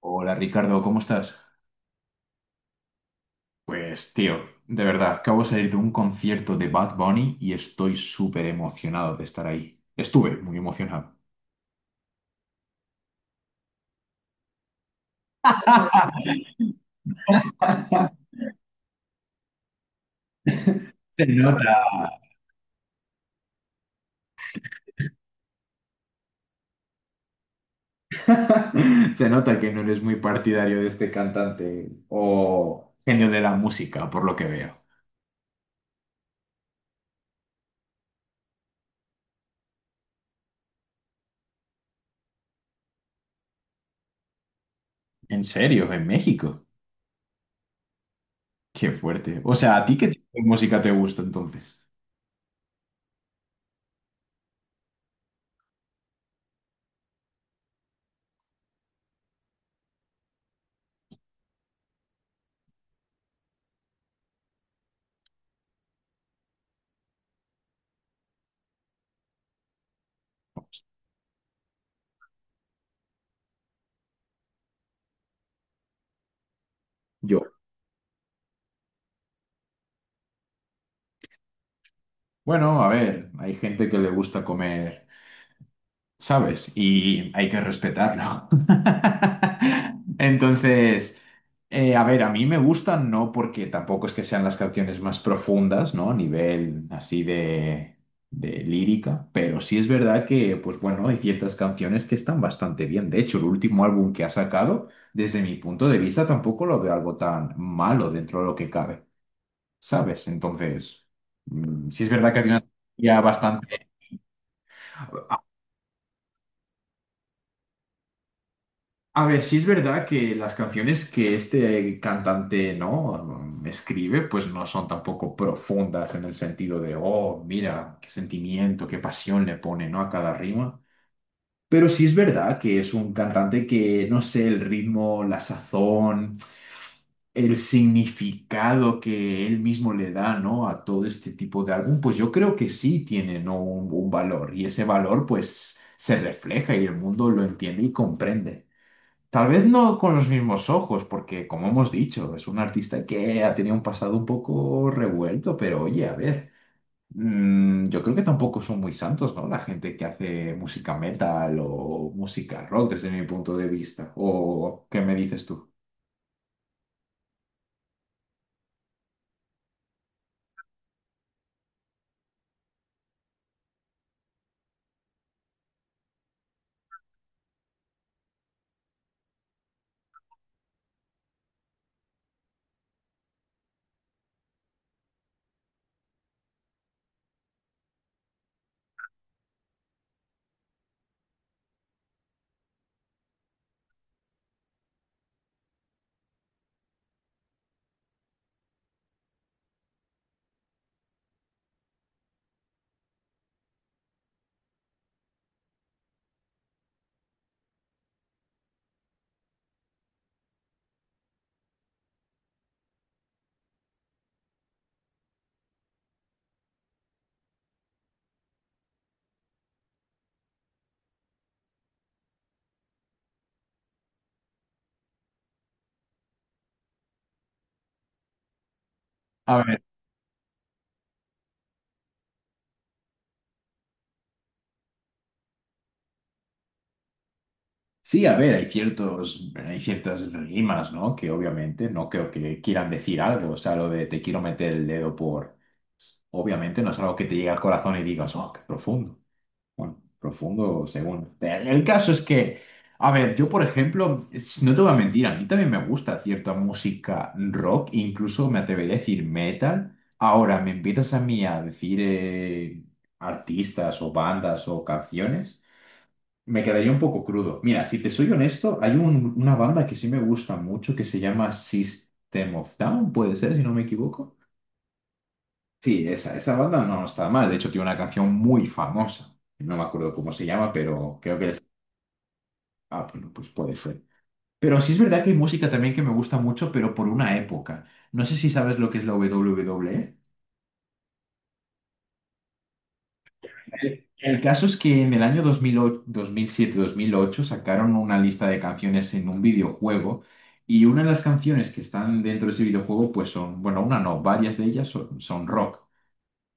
Hola Ricardo, ¿cómo estás? Pues tío, de verdad, acabo de salir de un concierto de Bad Bunny y estoy súper emocionado de estar ahí. Estuve muy emocionado. Se nota. Se nota que no eres muy partidario de este cantante o genio de la música, por lo que veo. ¿En serio? ¿En México? Qué fuerte. O sea, ¿a ti qué tipo de música te gusta entonces? Yo. Bueno, a ver, hay gente que le gusta comer. ¿Sabes? Y hay que respetarlo. Entonces, a ver, a mí me gustan, no porque tampoco es que sean las canciones más profundas, ¿no? A nivel así de lírica, pero sí es verdad que, pues bueno, hay ciertas canciones que están bastante bien. De hecho, el último álbum que ha sacado, desde mi punto de vista, tampoco lo veo algo tan malo dentro de lo que cabe, ¿sabes? Entonces, sí es verdad que tiene una... Ya bastante. A ver, sí es verdad que las canciones que este cantante no escribe, pues no son tampoco profundas en el sentido de, oh, mira, qué sentimiento, qué pasión le pone, ¿no? A cada rima. Pero sí es verdad que es un cantante que, no sé, el ritmo, la sazón, el significado que él mismo le da, ¿no? A todo este tipo de álbum, pues yo creo que sí tiene, ¿no? Un valor. Y ese valor, pues, se refleja y el mundo lo entiende y comprende. Tal vez no con los mismos ojos, porque como hemos dicho, es un artista que ha tenido un pasado un poco revuelto, pero oye, a ver, yo creo que tampoco son muy santos, ¿no? La gente que hace música metal o música rock desde mi punto de vista. ¿O qué me dices tú? A ver, sí, a ver, hay ciertas rimas, ¿no? Que obviamente no creo que quieran decir algo, o sea, lo de te quiero meter el dedo por... Obviamente no es algo que te llegue al corazón y digas, oh, qué profundo. Bueno, profundo según. El caso es que, a ver, yo por ejemplo, no te voy a mentir, a mí también me gusta cierta música rock, incluso me atrevería a decir metal. Ahora, me empiezas a mí a decir artistas o bandas o canciones, me quedaría un poco crudo. Mira, si te soy honesto, hay una banda que sí me gusta mucho que se llama System of Down, puede ser, si no me equivoco. Sí, esa banda no está mal. De hecho, tiene una canción muy famosa. No me acuerdo cómo se llama, pero creo que es... Ah, bueno, pues puede ser. Pero sí es verdad que hay música también que me gusta mucho, pero por una época. No sé si sabes lo que es la WWE. El caso es que en el año 2008 sacaron una lista de canciones en un videojuego y una de las canciones que están dentro de ese videojuego, pues son, bueno, una no, varias de ellas son rock.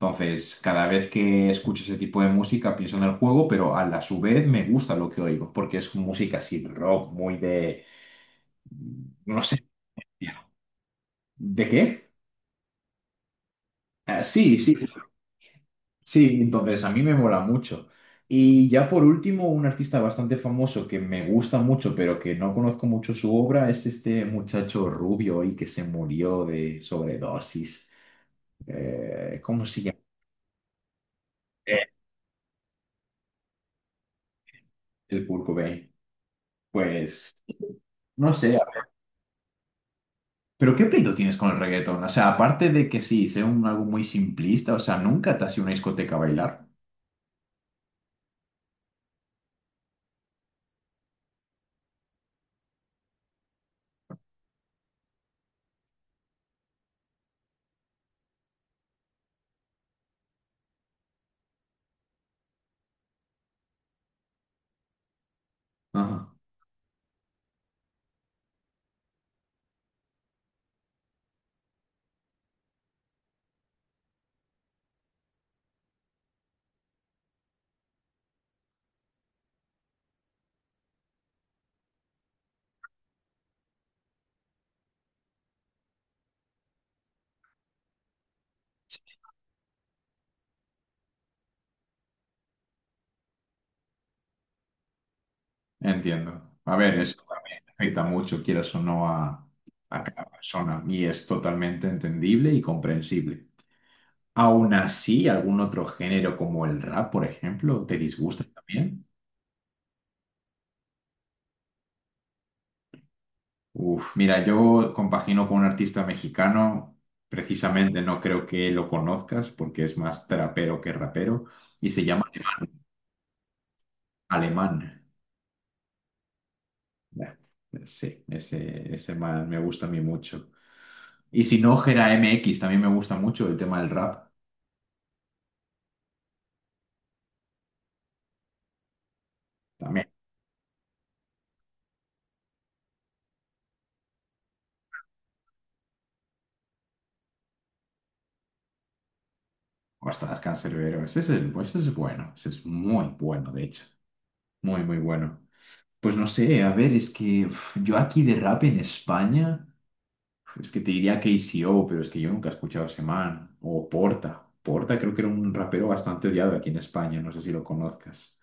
Entonces, cada vez que escucho ese tipo de música pienso en el juego, pero a la su vez me gusta lo que oigo, porque es música así rock, muy de... no sé. ¿De qué? Ah, sí, sí, sí, entonces a mí me mola mucho. Y ya por último, un artista bastante famoso que me gusta mucho, pero que no conozco mucho su obra, es este muchacho rubio y que se murió de sobredosis. ¿Cómo se llama? Eh, El Kurt Cobain. Pues no sé. Pero ¿qué pleito tienes con el reggaetón? O sea, aparte de que sí, sea un algo muy simplista, o sea, nunca te has ido a una discoteca a bailar. Ajá, entiendo. A ver, eso también afecta mucho, quieras o no, a cada persona y es totalmente entendible y comprensible. Aún así, algún otro género como el rap, por ejemplo, te disgusta también. Uf, mira, yo compagino con un artista mexicano, precisamente no creo que lo conozcas porque es más trapero que rapero y se llama Alemán. Ya, sí, ese man me gusta a mí mucho. Y si no, Gera MX también me gusta mucho el tema del rap. También, bastante cancerbero. Ese es, ese es bueno, ese es muy bueno, de hecho. Muy, muy bueno. Pues no sé, a ver, es que uf, yo aquí de rap en España, uf, es que te diría KCO, pero es que yo nunca he escuchado a ese man. O Porta. Porta creo que era un rapero bastante odiado aquí en España, no sé si lo conozcas.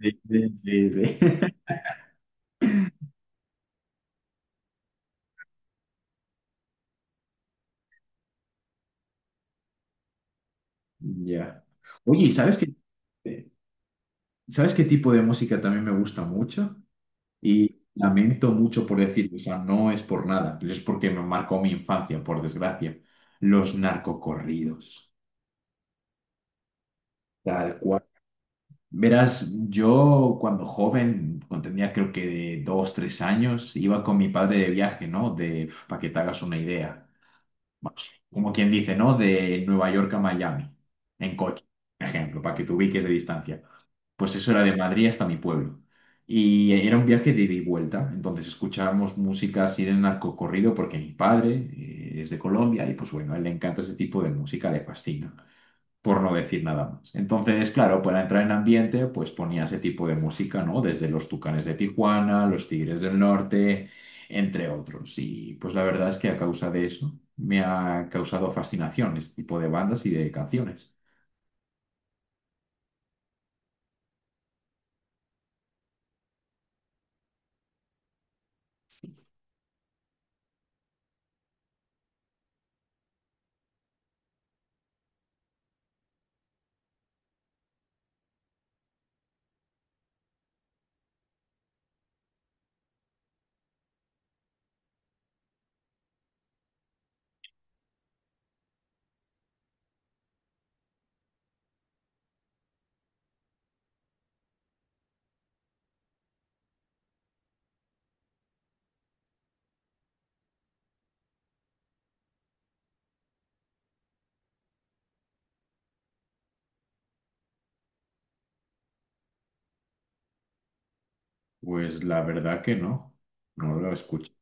Sí, sí, sí. Sí. Ya. Oye, ¿y sabes qué? ¿Sabes qué tipo de música también me gusta mucho? Y lamento mucho por decirlo, o sea, no es por nada, es porque me marcó mi infancia, por desgracia. Los narcocorridos, tal cual. Verás, yo cuando joven, cuando tenía creo que de 2, 3 años, iba con mi padre de viaje, ¿no? De, para que te hagas una idea. Como quien dice, ¿no? De Nueva York a Miami, en coche, por ejemplo, para que te ubiques de distancia. Pues eso era de Madrid hasta mi pueblo. Y era un viaje de ida y vuelta, entonces escuchábamos música así de narcocorrido porque mi padre es de Colombia y pues bueno, a él le encanta ese tipo de música, le fascina por no decir nada más. Entonces, claro, para entrar en ambiente, pues ponía ese tipo de música, ¿no? Desde los Tucanes de Tijuana, los Tigres del Norte, entre otros. Y pues la verdad es que a causa de eso me ha causado fascinación este tipo de bandas y de canciones. Pues la verdad que no, no lo escucho.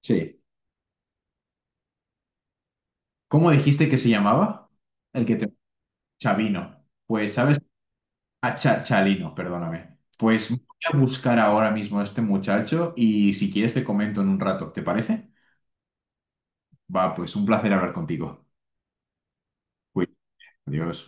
Sí. ¿Cómo dijiste que se llamaba? El que te... Chavino. Pues, ¿sabes? A Chalino, perdóname. Pues voy a buscar ahora mismo a este muchacho y si quieres te comento en un rato, ¿te parece? Va, pues un placer hablar contigo. Cuídate. Adiós.